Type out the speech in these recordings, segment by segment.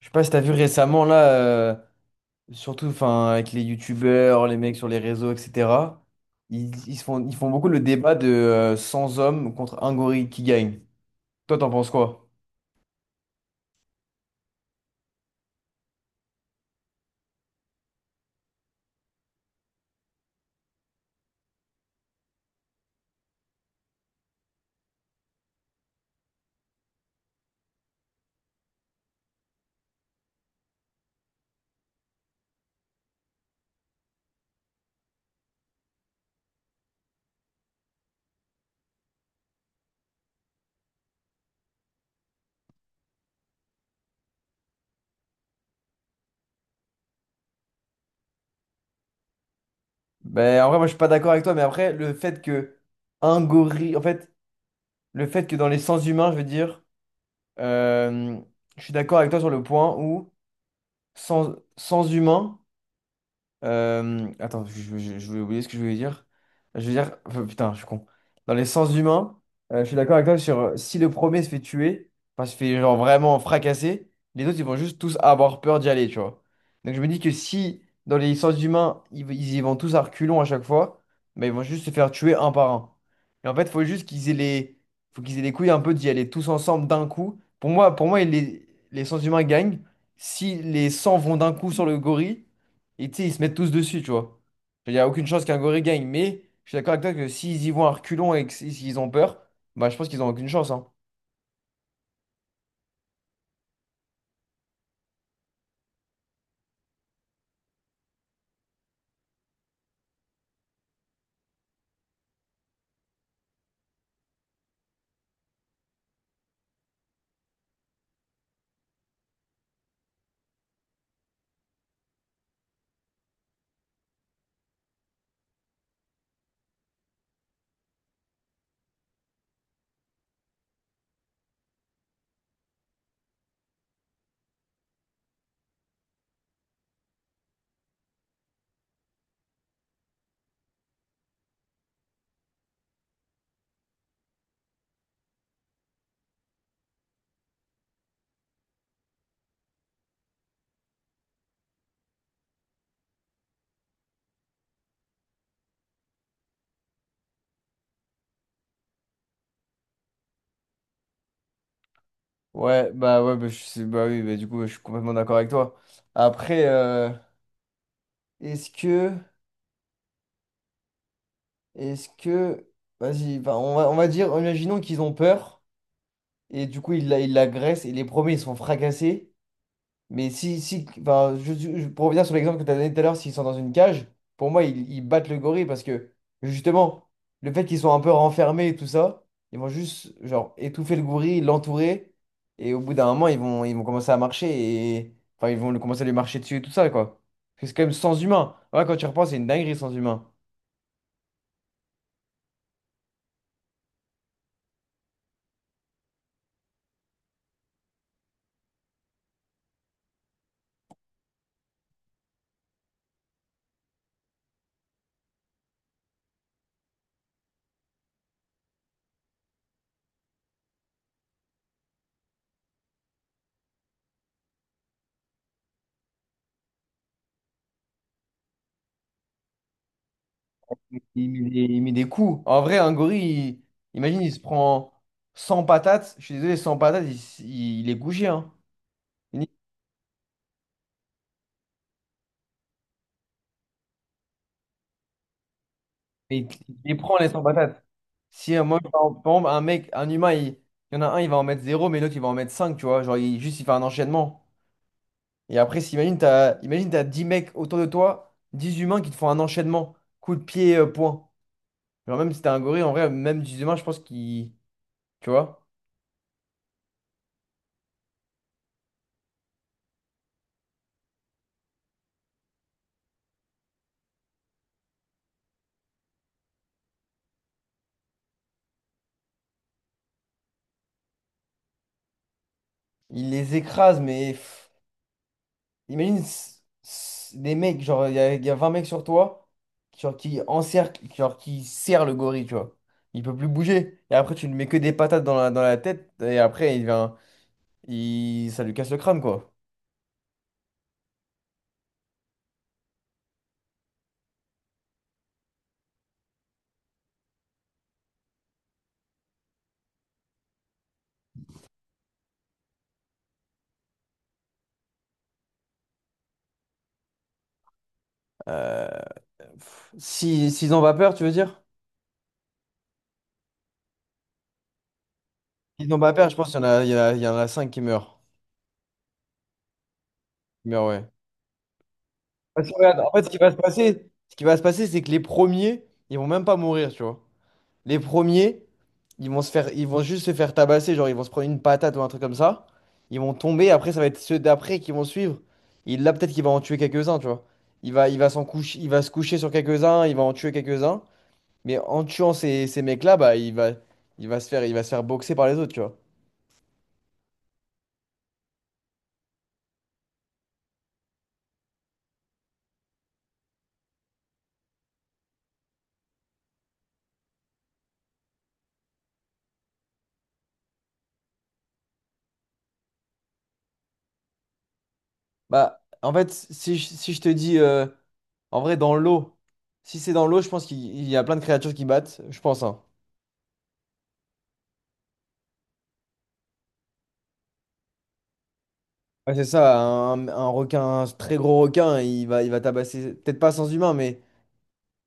Je sais pas si t'as vu récemment là, surtout enfin avec les youtubeurs, les mecs sur les réseaux, etc. Ils font beaucoup le débat de 100 hommes contre un gorille qui gagne. Toi, t'en penses quoi? Ben en vrai, moi je suis pas d'accord avec toi, mais après le fait que un gorille, en fait, le fait que dans les sens humains, je veux dire, euh, je suis d'accord avec toi sur le point où sans humain. Attends, je vais oublier ce que je voulais dire. Je veux dire, enfin, putain, je suis con. Dans les sens humains, je suis d'accord avec toi sur si le premier se fait tuer, enfin se fait genre vraiment fracasser, les autres ils vont juste tous avoir peur d'y aller, tu vois. Donc je me dis que si dans les sens humains, ils y vont tous à reculons à chaque fois, mais ils vont juste se faire tuer un par un. Et en fait, faut qu'ils aient les couilles un peu d'y aller tous ensemble d'un coup. Pour moi, les sens humains gagnent si les 100 vont d'un coup sur le gorille. Et tu sais, ils se mettent tous dessus, tu vois. Il n'y a aucune chance qu'un gorille gagne, mais je suis d'accord avec toi que s'ils y vont à reculons et que s'ils ont peur, bah je pense qu'ils ont aucune chance, hein. Ouais, bah, bah oui, bah, du coup, ouais, je suis complètement d'accord avec toi. Après, est-ce que, est-ce que, vas-y, bah, on va dire, imaginons qu'ils ont peur, et du coup, ils l'agressent, et les premiers, ils sont fracassés. Mais si, enfin, pour revenir sur l'exemple que tu as donné tout à l'heure, s'ils sont dans une cage, pour moi, ils battent le gorille parce que justement, le fait qu'ils soient un peu renfermés et tout ça, ils vont juste genre étouffer le gorille, l'entourer, et au bout d'un moment, ils vont commencer à marcher et enfin, ils vont commencer à lui marcher dessus et tout ça, quoi. Parce que c'est quand même sans humain. Ouais, quand tu repenses, c'est une dinguerie sans humain. Il met des coups. En vrai, un gorille, imagine, il se prend 100 patates. Je suis désolé, 100 patates, il est couché, hein. Et il les prend, les 100 patates. Si Moi, par exemple, un humain, il y en a un, il va en mettre zéro mais l'autre, il va en mettre 5 tu vois. Genre, juste, il fait un enchaînement. Et après, imagine, imagine, t'as 10 mecs autour de toi, 10 humains qui te font un enchaînement. Coup de pied, point. Genre, même si t'es un gorille, en vrai, même 10 humains, je pense qu'il, tu vois, il les écrase, mais pff, imagine des mecs, genre, il y a 20 mecs sur toi, genre, qui encerclent, genre, qui serrent le gorille, tu vois. Il peut plus bouger. Et après, tu lui mets que des patates dans la tête, et après, ça lui casse le crâne, quoi. Euh, Si, s'ils ont pas peur, tu veux dire? Ils n'ont pas peur, je pense qu'il y en a, il y en a, il y en a 5 qui meurent. Qui meurent, ouais. Parce que, regarde, en fait, ce qui va se passer, ce qui va se passer, c'est que les premiers, ils vont même pas mourir, tu vois. Les premiers, ils vont se faire, ils vont juste se faire tabasser, genre ils vont se prendre une patate ou un truc comme ça. Ils vont tomber, après ça va être ceux d'après qui vont suivre. Et là, peut-être qu'il va en tuer quelques-uns, tu vois. Il va se coucher sur quelques-uns, il va en tuer quelques-uns. Mais en tuant ces mecs-là, bah, il va se faire, il va se faire boxer par les autres, tu vois. Bah, en fait, si je te dis, en vrai, dans l'eau, si c'est dans l'eau, je pense qu'il il y a plein de créatures qui battent, je pense, hein. Ouais, c'est ça, un très gros requin, il va tabasser, peut-être pas sans humain, mais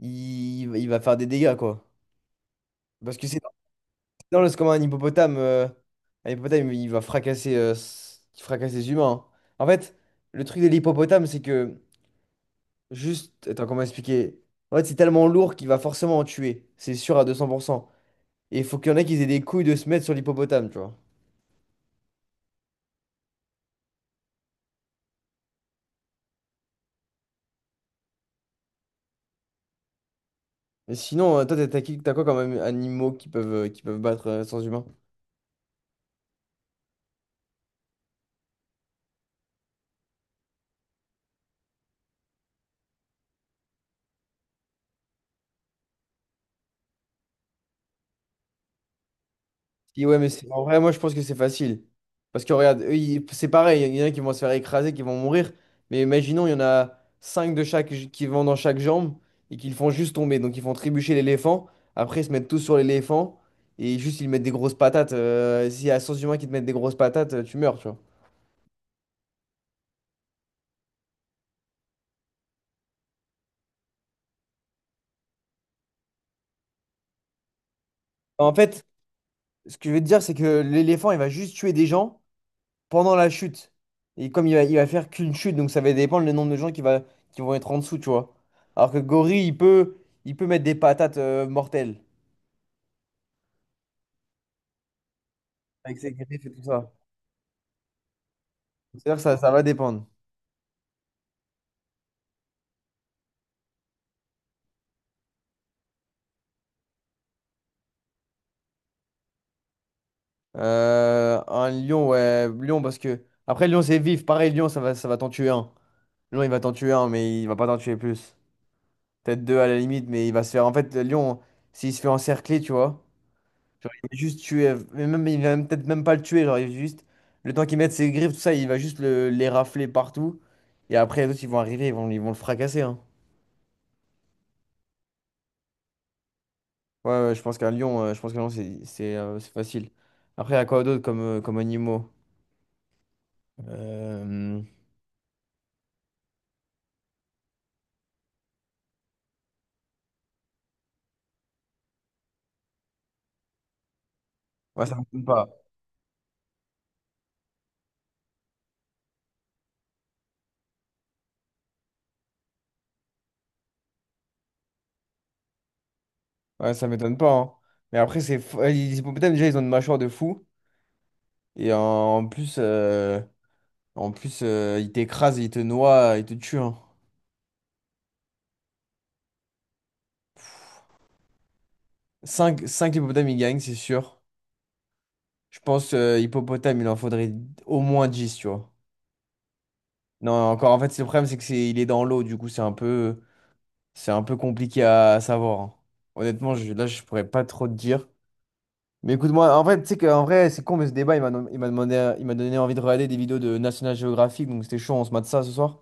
il va faire des dégâts, quoi. Parce que c'est comme un hippopotame. Un hippopotame, il fracasse les humains, hein. En fait, le truc de l'hippopotame, c'est que, juste, attends, comment expliquer? En fait, c'est tellement lourd qu'il va forcément en tuer, c'est sûr à 200%. Et il faut qu'il y en ait qui aient des couilles de se mettre sur l'hippopotame, tu vois. Mais sinon, toi, t'as quoi quand même, animaux qui peuvent battre sans humain? Puis ouais, mais en vrai, moi je pense que c'est facile. Parce que regarde, eux, c'est pareil, il y en a qui vont se faire écraser, qui vont mourir. Mais imaginons, il y en a 5 de chaque qui vont dans chaque jambe et qu'ils font juste tomber. Donc ils font trébucher l'éléphant. Après, ils se mettent tous sur l'éléphant et juste ils mettent des grosses patates. S'il y a 100 humains qui te mettent des grosses patates, tu meurs, tu vois. En fait, ce que je veux te dire, c'est que l'éléphant, il va juste tuer des gens pendant la chute. Et comme il va faire qu'une chute, donc ça va dépendre le nombre de gens qui vont être en dessous, tu vois. Alors que gorille, il peut mettre des patates mortelles. Avec ses griffes et tout ça. C'est-à-dire que ça va dépendre. Un lion, ouais, lion, parce que. Après, lion, c'est vif. Pareil, lion, ça va t'en tuer un. Lion, il va t'en tuer un, mais il va pas t'en tuer plus. Peut-être deux à la limite, mais il va se faire. En fait, le lion, s'il se fait encercler, tu vois. Genre, il va juste tuer, mais même, peut-être même pas le tuer, genre, il va juste, le temps qu'il mette ses griffes, tout ça, il va juste les rafler partout. Et après, les autres, ils vont arriver, ils vont le fracasser, hein. Ouais, ouais, je pense qu'un lion, je pense qu'un lion, c'est facile. Après, il y a quoi d'autre comme animaux? Euh, Ouais, ça m'étonne pas. Ouais, ça m'étonne pas, hein. Mais après, les hippopotames, déjà, ils ont une mâchoire de fou. Et en plus, euh, en plus, ils t'écrasent, ils te noient, ils te tuent, hein. Cinq hippopotames, ils gagnent, c'est sûr. Je pense hippopotame, il en faudrait au moins 10, tu vois. Non, encore, en fait, le problème, c'est que il est dans l'eau, du coup, c'est un peu compliqué à savoir, hein. Honnêtement, là, je pourrais pas trop te dire. Mais écoute-moi, en fait, tu sais qu'en vrai, c'est con, mais ce débat, il m'a donné envie de regarder des vidéos de National Geographic, donc c'était chaud, on se mate ça ce soir.